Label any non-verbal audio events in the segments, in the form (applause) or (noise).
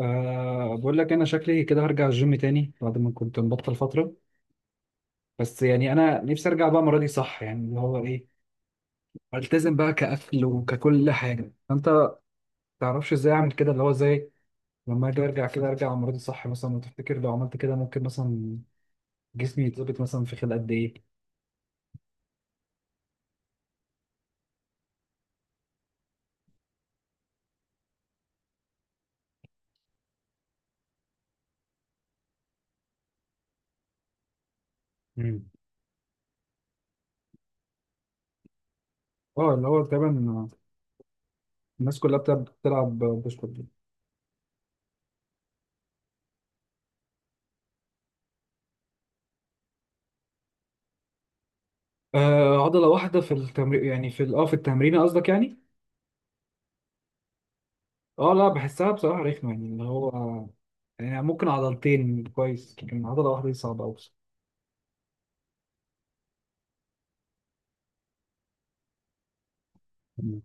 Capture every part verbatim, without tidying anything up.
أه بقول لك انا شكلي كده هرجع الجيم تاني بعد ما كنت مبطل فتره. بس يعني انا نفسي ارجع بقى المره دي صح، يعني اللي هو ايه، التزم بقى كاكل وككل حاجه. انت ما تعرفش ازاي اعمل كده، اللي هو ازاي لما اجي ارجع كده، ارجع المره دي صح مثلا. وتفتكر لو عملت كده ممكن مثلا جسمي يتظبط مثلا في خلال قد ايه؟ مم. اه اللي هو تقريبا الناس كلها بتلعب بتلعب بوش بول. أه عضله واحده في التمرين، يعني في ال- اه في التمرين قصدك يعني. اه لا، بحسها بصراحة رخمة، يعني اللي هو يعني ممكن عضلتين كويس، لكن عضلة واحدة دي صعبة أوي. مم.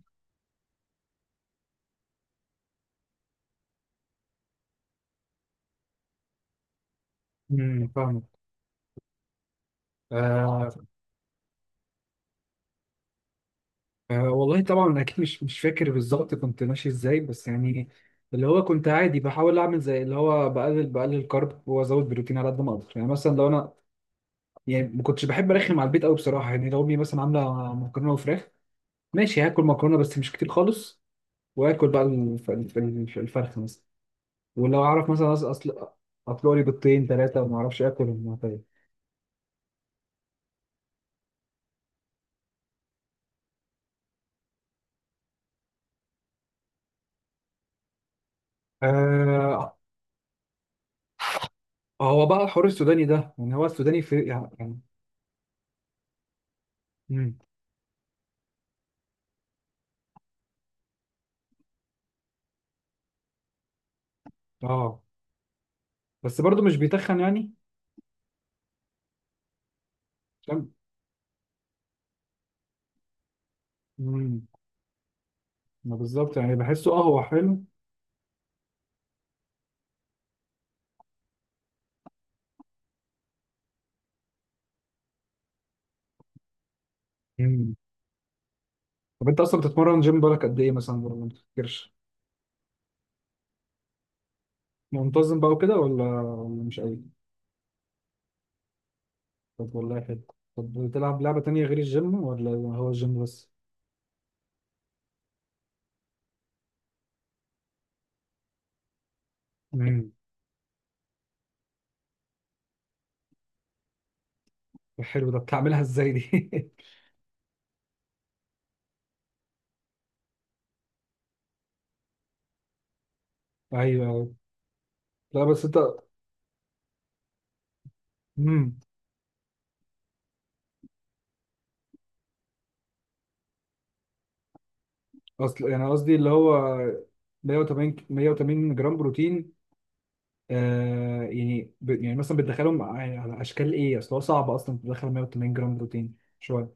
امم فاهمك. آه. آه والله طبعا اكيد مش مش فاكر بالظبط كنت ماشي ازاي، بس يعني اللي هو كنت عادي بحاول اعمل زي اللي هو بقلل بقلل كارب وازود بروتين على قد ما اقدر، يعني مثلا لو انا يعني ما كنتش بحب ارخم على البيت قوي بصراحه. يعني لو امي مثلا عامله مكرونه وفراخ، ماشي هاكل مكرونه بس مش كتير خالص، واكل بقى الف- الف- الف- الفرخه مثلا. ولو اعرف مثلا أص- اصل اطلق لي بيضتين ثلاثه وما اعرفش اكل، طيب. آه. هو بقى الحوار السوداني ده يعني، هو السوداني في يعني. امم. اه بس برضه مش بيتخن يعني. فاهم. امم. ما بالظبط يعني بحسه اه هو حلو. امم. طب انت اصلا بتتمرن جيم بالك قد ايه مثلا، ولا ما بتفكرش؟ منتظم بقى وكده، ولا ولا مش قوي؟ طب والله حلو. طب بتلعب لعبه تانية غير الجيم، ولا هو الجيم بس؟ امم. حلو، ده بتعملها ازاي دي؟ (laughs) ايوه، أيوة. لا بس انت. مم. اصل يعني قصدي اللي هو مية وتمانين مية وتمانين جرام بروتين، آه يعني ب... يعني مثلا بتدخلهم على على اشكال ايه، اصل هو صعب اصلا تدخل مية وتمانين جرام بروتين شويه.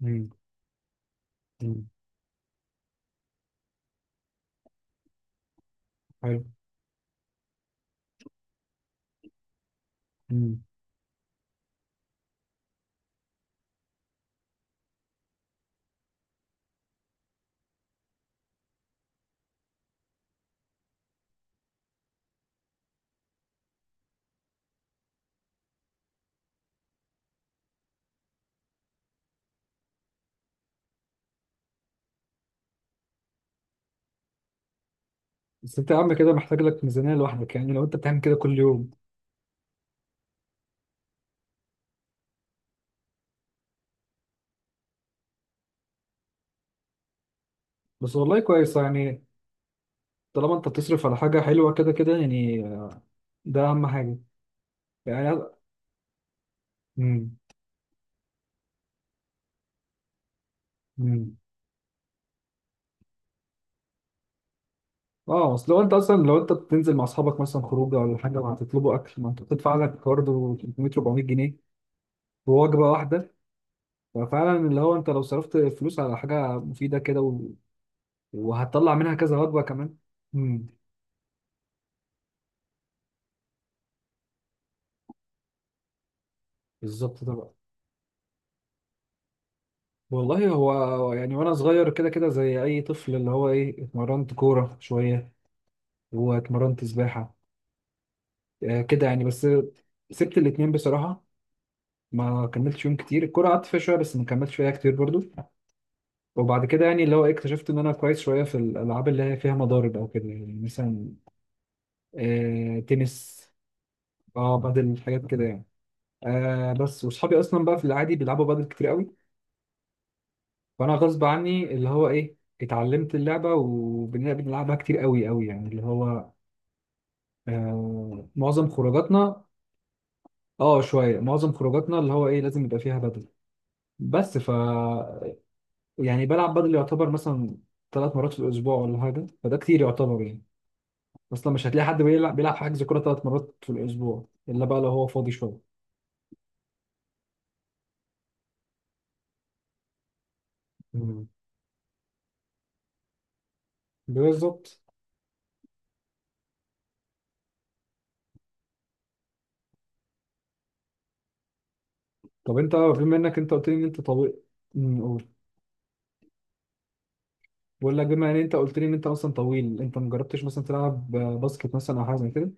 مم. مم. حلو. مم. بس انت يا عم كده محتاج لك ميزانيه لوحدك يعني، لو انت بتعمل كده كل يوم. بس والله كويس يعني. طالما انت بتصرف على حاجه حلوه كده كده يعني، ده اهم حاجه. يعني. مم. مم. اه اصل لو انت اصلا لو انت بتنزل مع اصحابك مثلا خروجه ولا حاجه وهتطلبوا اكل، ما انت بتدفع لك برضه تلتمية اربعمية جنيه، ووجبة واحدة. ففعلا اللي هو انت لو صرفت فلوس على حاجة مفيدة كده و... وهتطلع منها كذا وجبة كمان. امم. بالظبط طبعا. والله هو يعني وانا صغير كده كده زي اي طفل، اللي هو ايه، اتمرنت كورة شوية واتمرنت سباحة. آه كده يعني بس. سبت الاتنين بصراحة، ما كملتش يوم كتير. الكورة قعدت فيها شوية بس ما كملتش فيها كتير برضو. وبعد كده يعني اللي هو إيه، اكتشفت ان انا كويس شوية في الالعاب اللي هي فيها مضارب او كده يعني مثلا. آه تنس. اه بدل حاجات كده يعني. آه بس وصحابي اصلا بقى في العادي بيلعبوا بادل كتير قوي، فانا غصب عني اللي هو ايه اتعلمت اللعبه، وبنلعب بنلعبها كتير قوي قوي، يعني اللي هو آه معظم خروجاتنا. اه شويه، معظم خروجاتنا اللي هو ايه لازم يبقى فيها بادل بس. ف يعني بلعب بادل يعتبر مثلا ثلاث مرات في الاسبوع ولا حاجه، فده كتير يعتبر يعني. اصلا مش هتلاقي حد بيلعب بيلعب حجز كوره ثلاث مرات في الاسبوع، الا بقى لو هو فاضي شويه. مم. بالظبط. طب انت بما انك انت قلت لي ان انت طبيب. بقول لك بما ان انت قلت لي ان انت اصلا طويل، انت ما جربتش مثلا تلعب باسكت مثلا او حاجه زي كده؟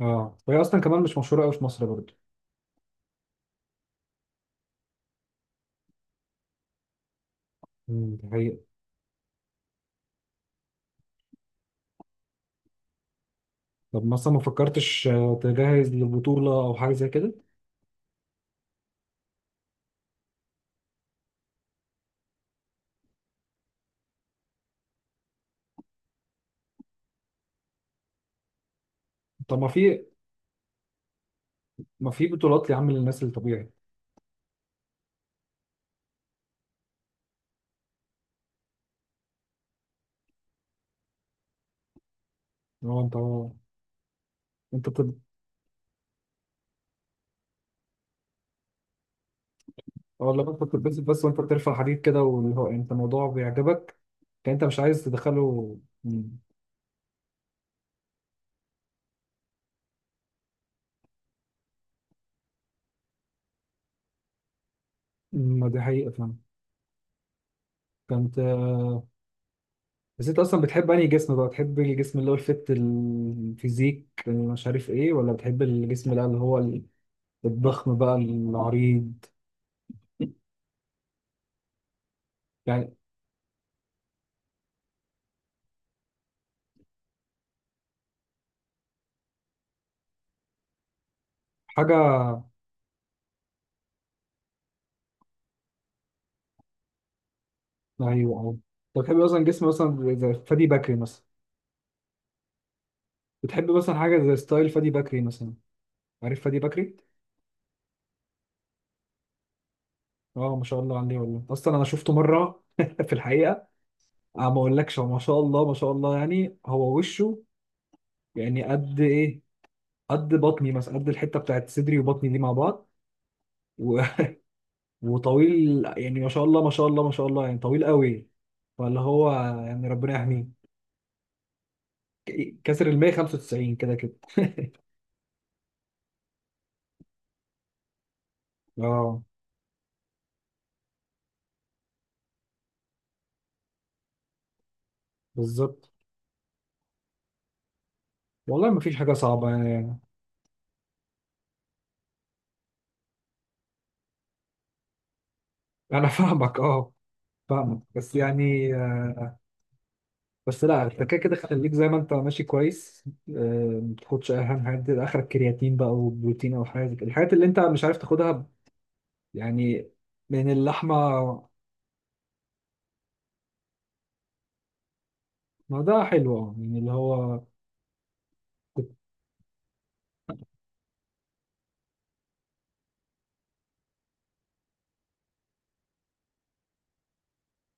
اه وهي اصلا كمان مش مشهوره قوي في مصر برضه. امم دي حقيقه. طب مثلا ما فكرتش آه، تجهز لبطوله او حاجه زي كده؟ طب ما في. ما في بطولات يا عم للناس الطبيعي. هو انت. انت بتب... اه لما انت بتلبس بس وانت بترفع حديد كده، واللي هو انت الموضوع بيعجبك، كان انت مش عايز تدخله. امم. ما دي حقيقه فاهم. كانت. بس انت اصلا بتحب انهي جسم بقى؟ بتحب الجسم اللي هو الفت، الفيزيك اللي مش عارف ايه، ولا بتحب الجسم بقى اللي هو ال- الضخم بقى العريض؟ يعني حاجه. ايوه اه. انت بتحب مثلا جسم مثلا زي فادي بكري مثلا؟ بتحب مثلا حاجه زي ستايل فادي بكري مثلا؟ عارف فادي بكري. اه ما شاء الله عليه، والله اصلا انا شفته مره (laughs) في الحقيقه. اه ما اقولكش، هو ما شاء الله ما شاء الله، يعني هو وشه يعني قد ايه، قد بطني مثلا، قد الحته بتاعت صدري وبطني دي مع بعض و... (laughs) وطويل، يعني ما شاء الله ما شاء الله ما شاء الله يعني طويل قوي، فاللي هو يعني ربنا يحميه. ك- كسر ال مية وخمسة وتسعين كده كده (laughs) اه بالظبط. والله ما فيش حاجه صعبه يعني. انا (laughs) فاهمك اه. فاهمك بس يعني. بس لا، انت كده كده خليك زي ما انت ماشي كويس. آه، ما تاخدش اي، اهم حاجات دي، اخرك كرياتين بقى وبروتين او حاجه زي كده. الحاجات اللي انت مش عارف تاخدها يعني من اللحمه. ما ده حلو اه، يعني اللي هو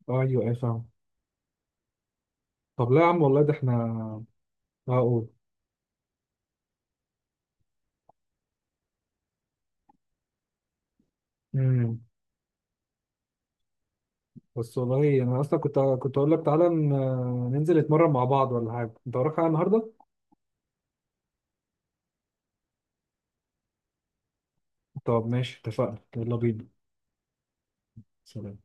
آه، ايوه اي فاهم. طب لا يا عم، والله ده احنا هقول. امم. بس والله انا اصلا كنت كنت اقول لك تعالى ن- ننزل نتمرن مع بعض ولا حاجه، انت وراك حاجه النهارده؟ طب ماشي، اتفقنا، يلا بينا. سلام.